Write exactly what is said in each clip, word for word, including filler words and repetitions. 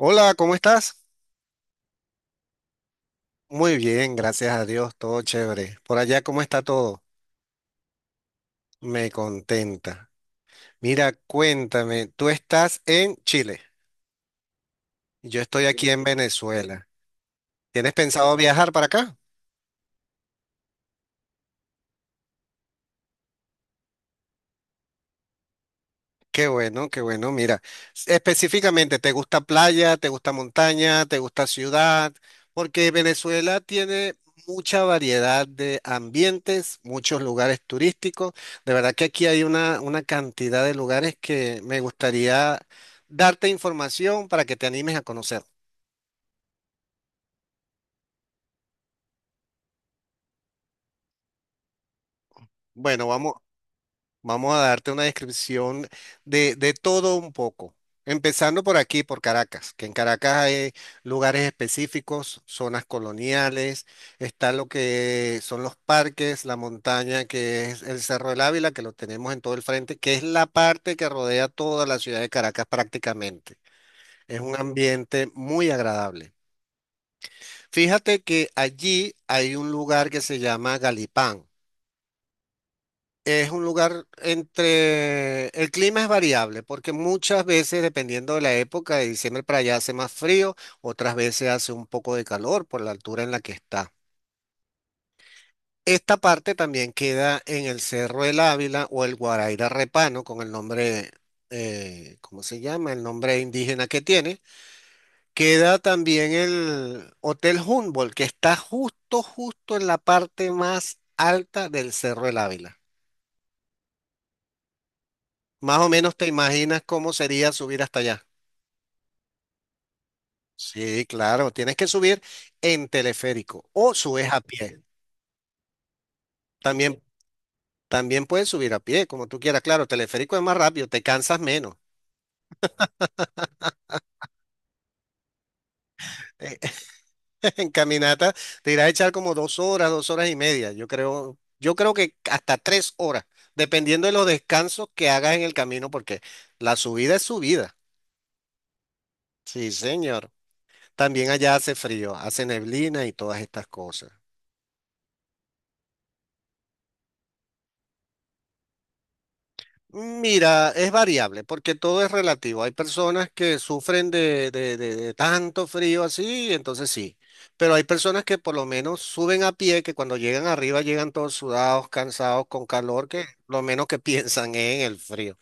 Hola, ¿cómo estás? Muy bien, gracias a Dios, todo chévere. Por allá, ¿cómo está todo? Me contenta. Mira, cuéntame, tú estás en Chile, yo estoy aquí en Venezuela. ¿Tienes pensado viajar para acá? Qué bueno, qué bueno. Mira, s- específicamente, ¿te gusta playa, te gusta montaña, te gusta ciudad? Porque Venezuela tiene mucha variedad de ambientes, muchos lugares turísticos. De verdad que aquí hay una, una cantidad de lugares que me gustaría darte información para que te animes a conocer. Bueno, vamos a darte una descripción de, de todo un poco. Empezando por aquí, por Caracas, que en Caracas hay lugares específicos, zonas coloniales, está lo que son los parques, la montaña, que es el Cerro del Ávila, que lo tenemos en todo el frente, que es la parte que rodea toda la ciudad de Caracas prácticamente. Es un ambiente muy agradable. Fíjate que allí hay un lugar que se llama Galipán. Es un lugar entre el clima es variable porque muchas veces, dependiendo de la época, de diciembre para allá hace más frío, otras veces hace un poco de calor por la altura en la que está. Esta parte también queda en el Cerro del Ávila o el Guaraíra Repano, con el nombre, eh, ¿cómo se llama? El nombre indígena que tiene. Queda también el Hotel Humboldt, que está justo, justo en la parte más alta del Cerro del Ávila. Más o menos te imaginas cómo sería subir hasta allá. Sí, claro, tienes que subir en teleférico o subes a pie. También, también puedes subir a pie, como tú quieras. Claro, teleférico es más rápido, te cansas menos. En caminata te irás a echar como dos horas, dos horas y media. Yo creo, yo creo que hasta tres horas, dependiendo de los descansos que hagas en el camino, porque la subida es subida. Sí, señor. También allá hace frío, hace neblina y todas estas cosas. Mira, es variable porque todo es relativo. Hay personas que sufren de, de- de- de tanto frío así, entonces sí. Pero hay personas que por lo menos suben a pie, que cuando llegan arriba llegan todos sudados, cansados, con calor, que lo menos que piensan es en el frío.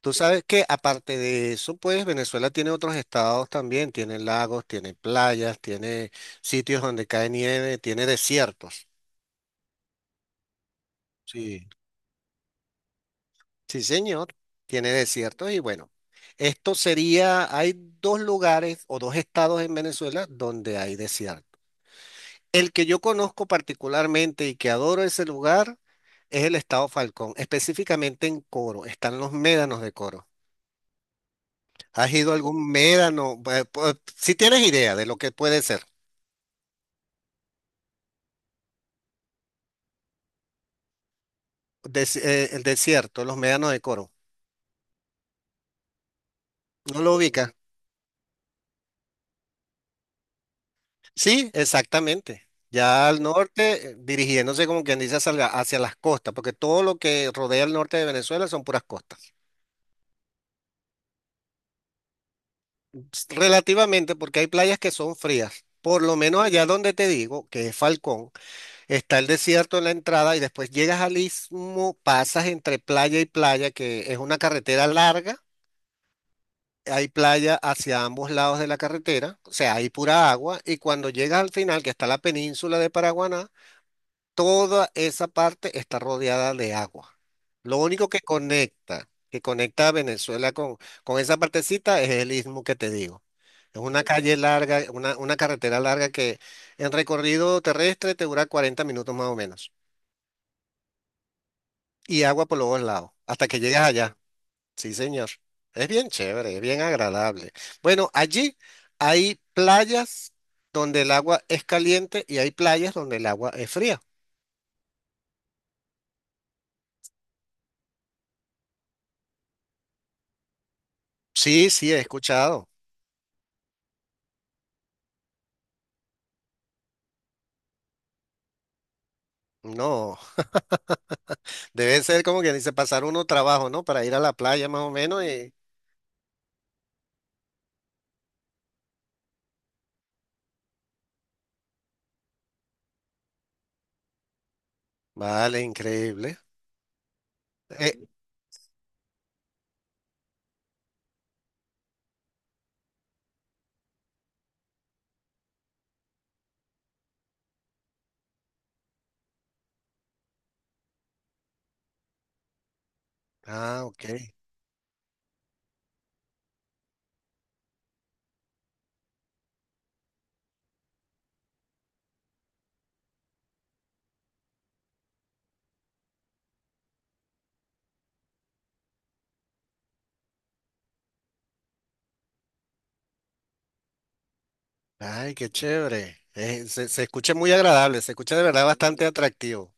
Tú sabes que aparte de eso, pues Venezuela tiene otros estados también, tiene lagos, tiene playas, tiene sitios donde cae nieve, tiene desiertos. Sí. Sí, señor, tiene desiertos y bueno, esto sería, hay dos lugares o dos estados en Venezuela donde hay desierto. El que yo conozco particularmente y que adoro ese lugar es el estado Falcón, específicamente en Coro, están los médanos de Coro. ¿Has ido a algún médano? Eh, pu- Si tienes idea de lo que puede ser, des- eh, el desierto, los médanos de Coro, ¿no lo ubicas? Sí, exactamente. Ya al norte, eh, dirigiéndose como quien dice hacia, la- hacia las costas, porque todo lo que rodea el norte de Venezuela son puras costas. S- Relativamente, porque hay playas que son frías. Por lo menos allá donde te digo, que es Falcón, está el desierto en la entrada y después llegas al istmo, pasas entre playa y playa, que es una carretera larga. Hay playa hacia ambos lados de la carretera, o sea, hay pura agua. Y cuando llegas al final, que está la península de Paraguaná, toda esa parte está rodeada de agua. Lo único que conecta, que conecta a Venezuela con, con esa partecita es el istmo que te digo. Es una calle larga, una, una carretera larga que en recorrido terrestre te dura cuarenta minutos más o menos. Y agua por los dos lados, hasta que llegas allá. Sí, señor. Es bien chévere, es bien agradable. Bueno, allí hay playas donde el agua es caliente y hay playas donde el agua es fría. Sí, sí, he escuchado. No. Debe ser como que dice pasar uno trabajo, ¿no? Para ir a la playa más o menos y Vale, increíble. Eh, ah, ok. Ay, qué chévere. Eh, se, se escucha muy agradable, se escucha de verdad bastante atractivo.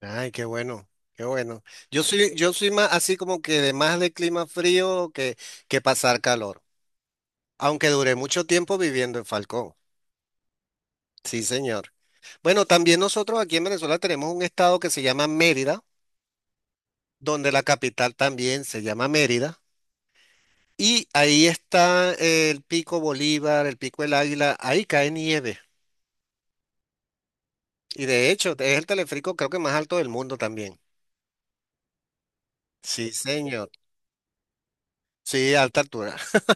Ay, qué bueno, qué bueno. Yo soy, yo soy más así como que de más de clima frío que, que pasar calor, aunque duré mucho tiempo viviendo en Falcón. Sí, señor. Bueno, también nosotros aquí en Venezuela tenemos un estado que se llama Mérida, donde la capital también se llama Mérida. Y ahí está el Pico Bolívar, el Pico del Águila, ahí cae nieve. Y de hecho, es el teleférico creo que más alto del mundo también. Sí, señor. Sí, alta altura.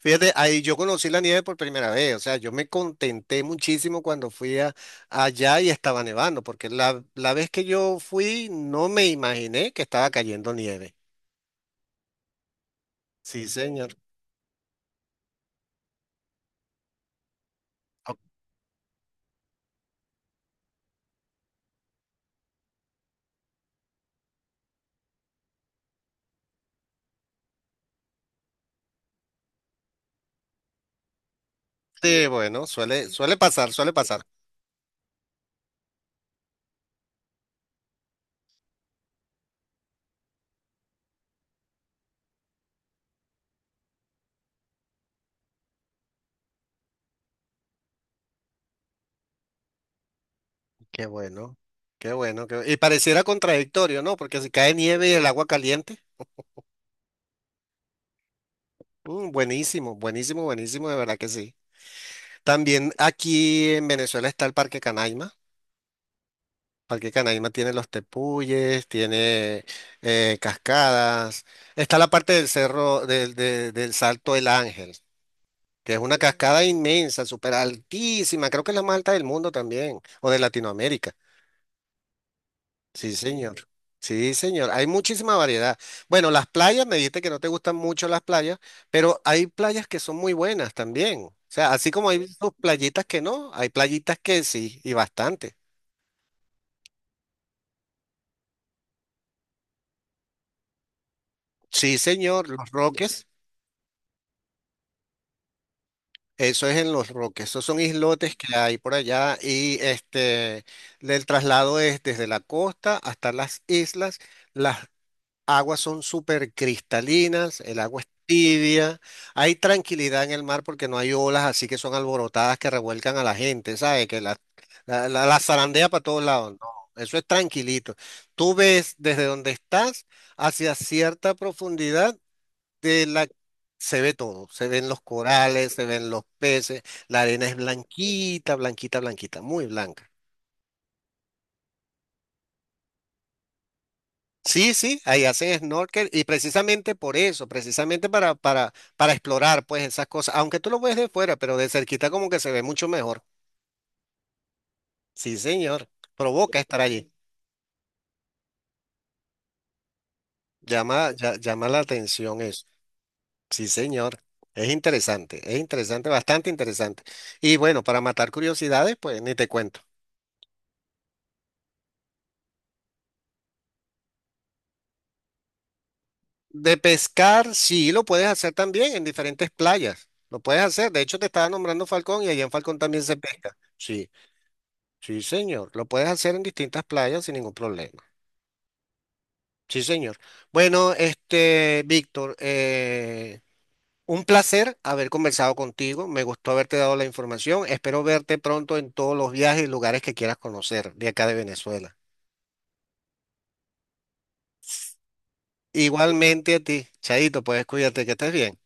Fíjate, ahí yo conocí la nieve por primera vez. O sea, yo me contenté muchísimo cuando fui a- allá y estaba nevando, porque la, la vez que yo fui no me imaginé que estaba cayendo nieve. Sí, señor. Ok, sí, bueno, suele, suele pasar, suele pasar. Qué bueno, qué bueno, qué bu- y pareciera contradictorio, ¿no? Porque si cae nieve y el agua caliente, mm, buenísimo, buenísimo, buenísimo, de verdad que sí. También aquí en Venezuela está el Parque Canaima. Parque Canaima tiene los tepuyes, tiene eh, cascadas. Está la parte del cerro, del, de- del Salto del Ángel, que es una cascada inmensa, súper altísima. Creo que es la más alta del mundo también, o de Latinoamérica. Sí, señor. Sí, señor. Hay muchísima variedad. Bueno, las playas, me dijiste que no te gustan mucho las playas, pero hay playas que son muy buenas también. O sea, así como hay sus playitas que no, hay playitas que sí, y bastante. Sí, señor, Los Roques, eso es en Los Roques, esos son islotes que hay por allá y este, el traslado es desde la costa hasta las islas. Las aguas son súper cristalinas, el agua es tibia, hay tranquilidad en el mar porque no hay olas así que son alborotadas que revuelcan a la gente, ¿sabes? Que la, la, la- la zarandea para todos lados, no, eso es tranquilito. Tú ves desde donde estás hacia cierta profundidad de la Se ve todo, se ven los corales, se ven los peces, la arena es blanquita, blanquita, blanquita, muy blanca. Sí, sí, ahí haces snorkel y precisamente por eso, precisamente para, para, para explorar pues esas cosas, aunque tú lo ves de fuera, pero de cerquita como que se ve mucho mejor. Sí, señor, provoca estar allí, llama, ya- llama la atención eso. Sí, señor, es interesante, es interesante, bastante interesante. Y bueno, para matar curiosidades, pues ni te cuento. De pescar, sí, lo puedes hacer también en diferentes playas, lo puedes hacer, de hecho te estaba nombrando Falcón y allá en Falcón también se pesca, sí. Sí, señor. Lo puedes hacer en distintas playas sin ningún problema. Sí, señor. Bueno, este, Víctor, eh, un placer haber conversado contigo. Me gustó haberte dado la información. Espero verte pronto en todos los viajes y lugares que quieras conocer de acá de Venezuela. Igualmente a ti, Chaito, puedes cuídate, que estés bien.